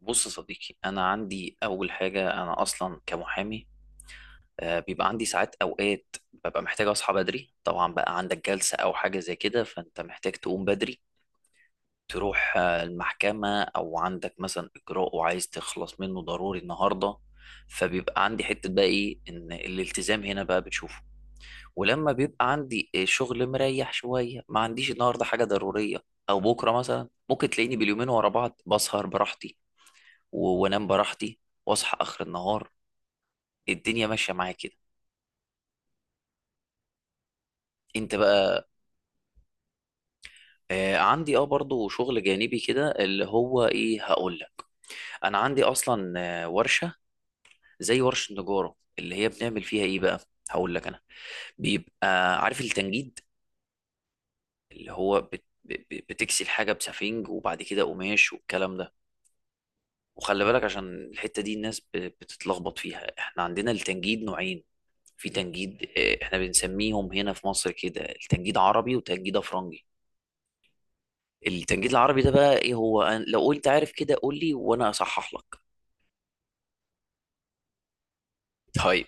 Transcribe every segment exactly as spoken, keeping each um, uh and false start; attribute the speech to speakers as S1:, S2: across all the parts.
S1: بص يا صديقي، انا عندي اول حاجه انا اصلا كمحامي. آه، بيبقى عندي ساعات اوقات ببقى محتاج اصحى بدري. طبعا بقى عندك جلسه او حاجه زي كده، فانت محتاج تقوم بدري تروح آه، المحكمه، او عندك مثلا اجراء وعايز تخلص منه ضروري النهارده. فبيبقى عندي حته بقى ايه، ان الالتزام هنا بقى بتشوفه. ولما بيبقى عندي آه، شغل مريح شويه، ما عنديش النهارده حاجه ضروريه، او بكره مثلا، ممكن تلاقيني باليومين ورا بعض بسهر براحتي و- وانام براحتي واصحى اخر النهار. الدنيا ماشيه معايا كده. انت بقى. آه، عندي اه برضو شغل جانبي كده اللي هو ايه، هقول لك. انا عندي اصلا آه ورشه، زي ورشه نجاره اللي هي بنعمل فيها ايه بقى، هقول لك انا. بيبقى عارف التنجيد اللي هو بت... ب- ب- بتكسي الحاجه بسفنج وبعد كده قماش والكلام ده. وخلي بالك، عشان الحتة دي الناس ب- بتتلخبط فيها. احنا عندنا التنجيد نوعين، في تنجيد آه، احنا بنسميهم هنا في مصر كده التنجيد عربي وتنجيد افرنجي. التنجيد العربي ده بقى ايه هو؟ أنا- لو قلت عارف كده قول لي وانا اصحح لك. طيب،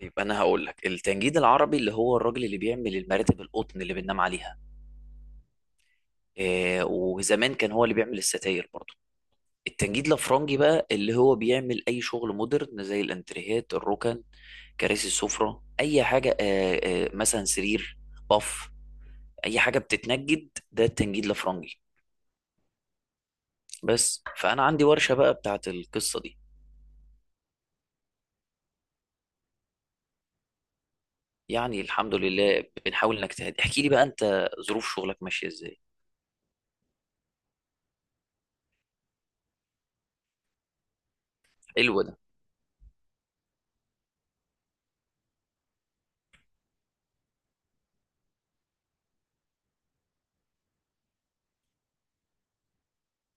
S1: طيب انا هقول لك. التنجيد العربي اللي هو الراجل اللي بيعمل المراتب القطن اللي بننام عليها. آه، وزمان كان هو اللي بيعمل الستاير برضه. التنجيد الافرنجي بقى اللي هو بيعمل اي شغل مودرن، زي الانتريهات الركن، كراسي السفرة، أي حاجة، آه، آه، مثلا سرير، بف أي حاجة بتتنجد، ده التنجيد الأفرنجي. بس، فأنا عندي ورشة بقى بتاعت القصة دي. يعني الحمد لله بنحاول نجتهد. احكي لي بقى أنت، ظروف شغلك ماشية إزاي؟ حلو ده.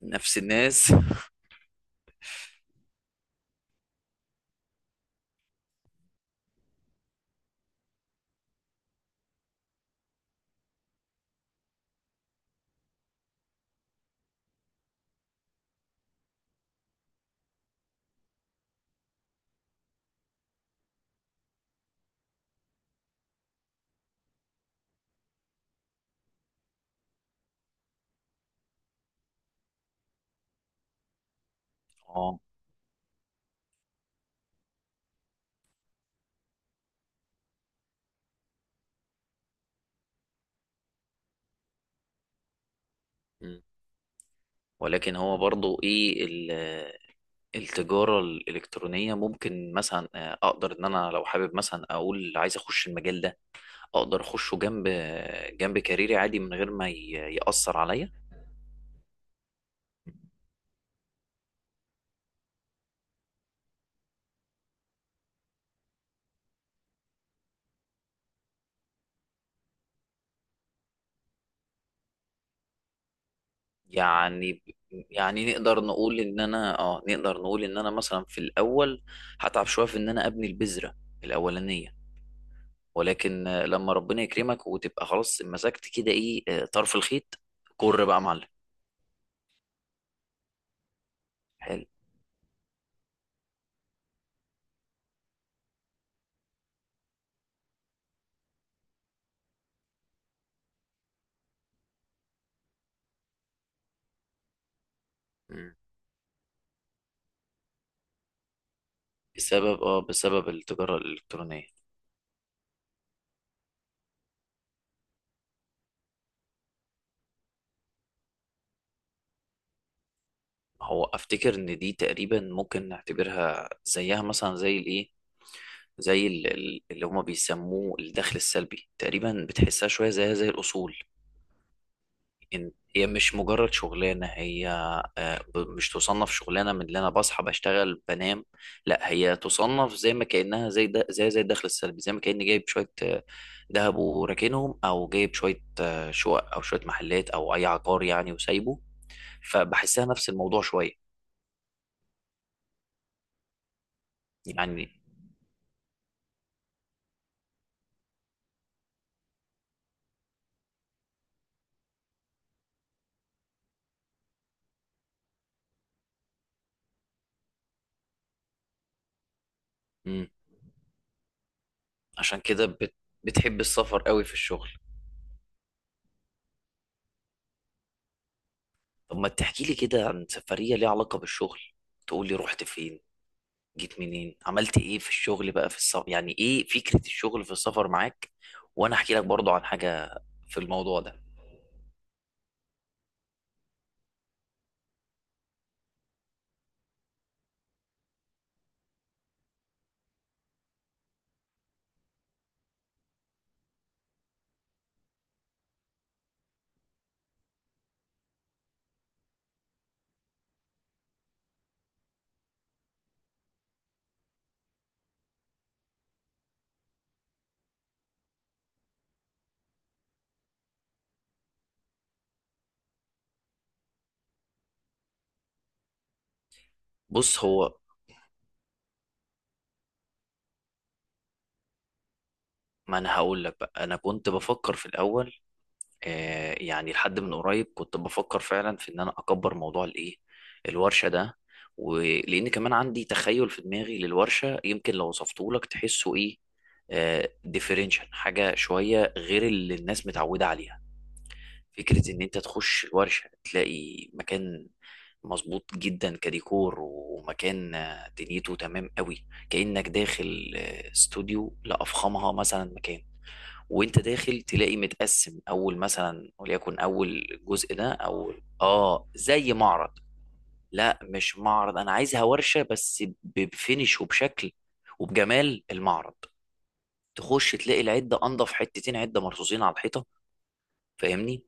S1: نفس الناس. اه. مم. ولكن هو برضو إيه ال- التجارة الإلكترونية، ممكن مثلا آه، أقدر إن أنا لو حابب مثلا أقول عايز أخش المجال ده؟ أقدر أخشه جنب جنب كاريري عادي من غير ما ي- يأثر عليا. يعني يعني نقدر نقول ان انا اه نقدر نقول ان انا مثلا في الاول هتعب شويه في ان انا ابني البذره الاولانيه، ولكن آه، لما ربنا يكرمك وتبقى خلاص مسكت كده ايه، آه، طرف الخيط، كر بقى يا معلم. حلو. مم. بسبب اه بسبب التجاره الالكترونيه. هو افتكر ان دي تقريبا ممكن نعتبرها زيها مثلا زي الايه، زي ال- ال- اللي هما بيسموه الدخل السلبي. تقريبا بتحسها شويه زيها زي الاصول. إن- هي مش مجرد شغلانة، هي آه، ب- مش تصنف شغلانة من اللي أنا بصحى بشتغل بنام. لا، هي تصنف زي ما كأنها زي ده زي زي الدخل السلبي، زي ما كأني جايب شوية آه، دهب وراكنهم، أو جايب شوية آه، شقق أو شوية محلات أو أي عقار يعني وسايبه. فبحسها نفس الموضوع شوية. يعني. مم. عشان كده بت- بتحب السفر قوي في الشغل. طب ما تحكي لي كده عن سفرية ليها علاقة بالشغل، تقول لي رحت فين، جيت منين، عملت ايه في الشغل بقى في السفر، يعني ايه فكرة الشغل في السفر معاك، وانا احكي لك برضو عن حاجة في الموضوع ده. بص هو، ما انا هقول لك بقى، انا كنت بفكر في الاول آه، يعني لحد من قريب كنت بفكر فعلا في ان انا اكبر موضوع الايه، الورشة ده. ولان كمان عندي تخيل في دماغي للورشة، يمكن لو وصفته لك تحسه ايه، آه، ديفرنشال، حاجة شوية غير اللي الناس متعودة عليها. فكرة إن أنت تخش الورشة تلاقي مكان مظبوط جدا كديكور، ومكان آه، دنيته تمام قوي، كأنك داخل آه، استوديو لأفخمها مثلا مكان. وأنت داخل تلاقي متقسم، أول مثلا وليكن، أول جزء ده أول آه زي معرض. لا مش معرض، أنا عايزها ورشة بس ب- بفينش وبشكل وبجمال المعرض. تخش تلاقي العدة أنضف حتتين، عدة مرصوصين على الحيطة. فاهمني؟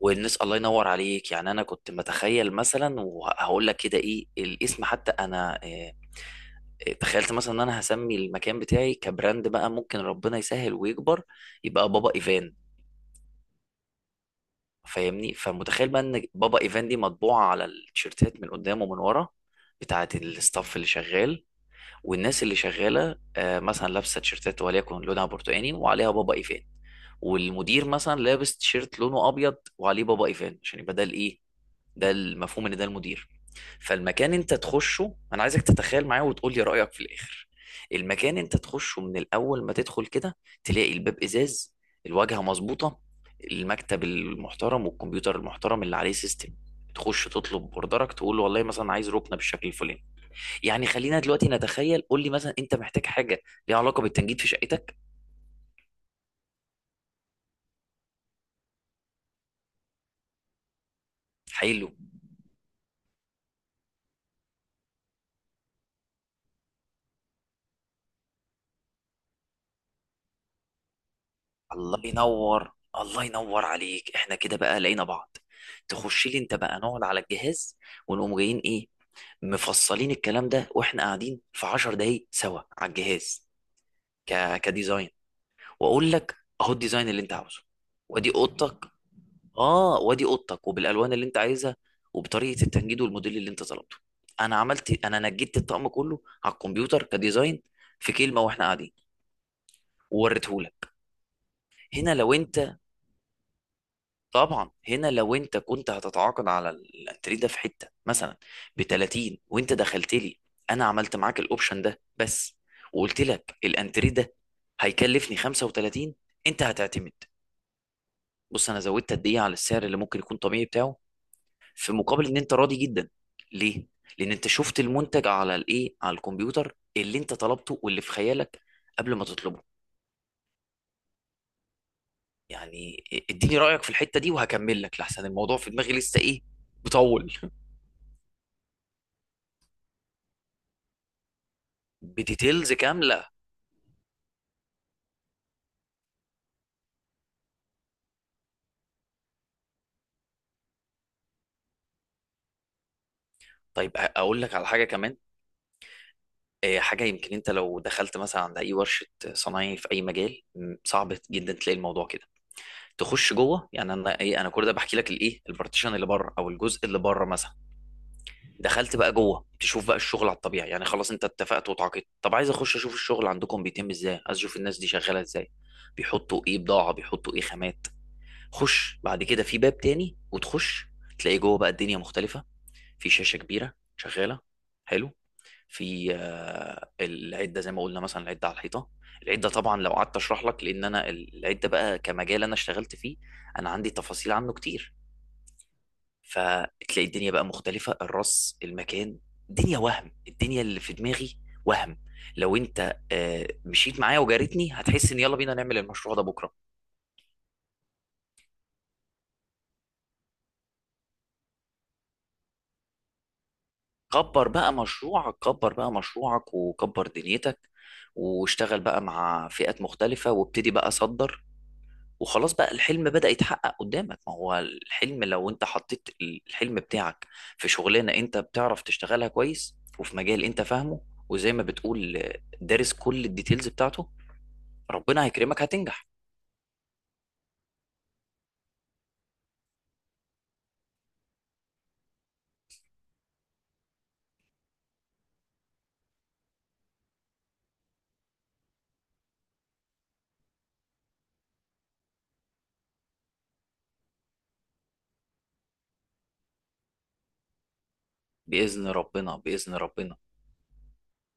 S1: والناس الله ينور عليك، يعني انا كنت متخيل مثلا، وهقول لك كده ايه الاسم حتى انا آه، آه، تخيلت مثلا ان انا هسمي المكان بتاعي كبراند بقى، ممكن ربنا يسهل ويكبر، يبقى بابا ايفان. فاهمني؟ فمتخيل بقى ان بابا ايفان دي مطبوعة على التيشيرتات من قدام ومن ورا، بتاعة الستاف اللي شغال. والناس اللي شغالة آه، مثلا لابسة تيشيرتات وليكن لونها برتقاني وعليها بابا ايفان، والمدير مثلا لابس تيشيرت لونه ابيض وعليه بابا ايفان، عشان يبقى ده الايه، ده المفهوم ان ده المدير. فالمكان انت تخشه، انا عايزك تتخيل معايا وتقول لي رأيك في الاخر. المكان انت تخشه من الاول، ما تدخل كده تلاقي الباب ازاز، الواجهة مظبوطة، المكتب المحترم والكمبيوتر المحترم اللي عليه سيستم. تخش تطلب اوردرك، تقول له والله مثلا عايز ركنه بالشكل الفلاني. يعني خلينا دلوقتي نتخيل، قول لي مثلا انت محتاج حاجه ليها علاقه بالتنجيد في شقتك. حلو. الله ينور، الله ينور عليك. احنا كده بقى لقينا بعض. تخش لي انت بقى، نقعد على الجهاز ونقوم جايين ايه، مفصلين الكلام ده واحنا قاعدين في 10 دقايق سوا على الجهاز ك... كديزاين، واقول لك اهو الديزاين اللي انت عاوزه. وادي اوضتك. اه وادي اوضتك، وبالالوان اللي انت عايزها، وبطريقه التنجيد والموديل اللي انت طلبته. انا عملت، انا نجدت الطقم كله على الكمبيوتر كديزاين في كلمه واحنا قاعدين، ووريته لك. هنا لو انت، طبعا هنا لو انت كنت هتتعاقد على ال- التري ده في حته مثلا ب بتلاتين، وانت دخلت لي انا عملت معاك الاوبشن ده بس، وقلت لك الانتري ده هيكلفني خمسة وثلاثين، انت هتعتمد. بص، انا زودت قد ايه على السعر اللي ممكن يكون طبيعي بتاعه، في مقابل ان انت راضي جدا. ليه؟ لان انت شفت المنتج على الايه، على الكمبيوتر، اللي انت طلبته واللي في خيالك قبل ما تطلبه. يعني اديني رايك في الحته دي وهكمل لك، لحسن الموضوع في دماغي لسه ايه، بطول، بديتيلز كامله. طيب، أ- اقول لك على حاجه كمان. آه، حاجه يمكن انت لو دخلت مثلا عند اي ورشه صنايعي في اي مجال م، صعب جدا تلاقي الموضوع كده. تخش جوه، يعني انا ايه، انا كل ده بحكي لك الايه، البارتيشن اللي بره او الجزء اللي بره مثلا. دخلت بقى جوه تشوف بقى الشغل على الطبيعي، يعني خلاص انت اتفقت وتعاقدت، طب عايز اخش اشوف الشغل عندكم بيتم ازاي، عايز اشوف الناس دي شغاله ازاي، بيحطوا ايه بضاعه، بيحطوا ايه خامات. خش بعد كده في باب تاني وتخش، تلاقي جوه بقى الدنيا مختلفه. في شاشه كبيره شغاله. حلو. في آه، العده زي ما قلنا، مثلا العده على الحيطه. العده طبعا لو قعدت اشرح لك، لان انا العده بقى كمجال انا اشتغلت فيه، انا عندي تفاصيل عنه كتير. فتلاقي الدنيا بقى مختلفه، الرص، المكان، الدنيا. وهم الدنيا اللي في دماغي، وهم. لو انت آه، مشيت معايا وجارتني، هتحس ان يلا بينا نعمل المشروع ده بكره. كبر بقى مشروعك، كبر بقى مشروعك وكبر دنيتك، واشتغل بقى مع فئات مختلفة، وابتدي بقى صدر، وخلاص بقى الحلم بدأ يتحقق قدامك. ما هو الحلم لو انت حطيت الحلم بتاعك في شغلانة انت بتعرف تشتغلها كويس، وفي مجال انت فاهمه، وزي ما بتقول دارس كل الديتيلز بتاعته، ربنا هيكرمك هتنجح. بإذن ربنا، بإذن ربنا.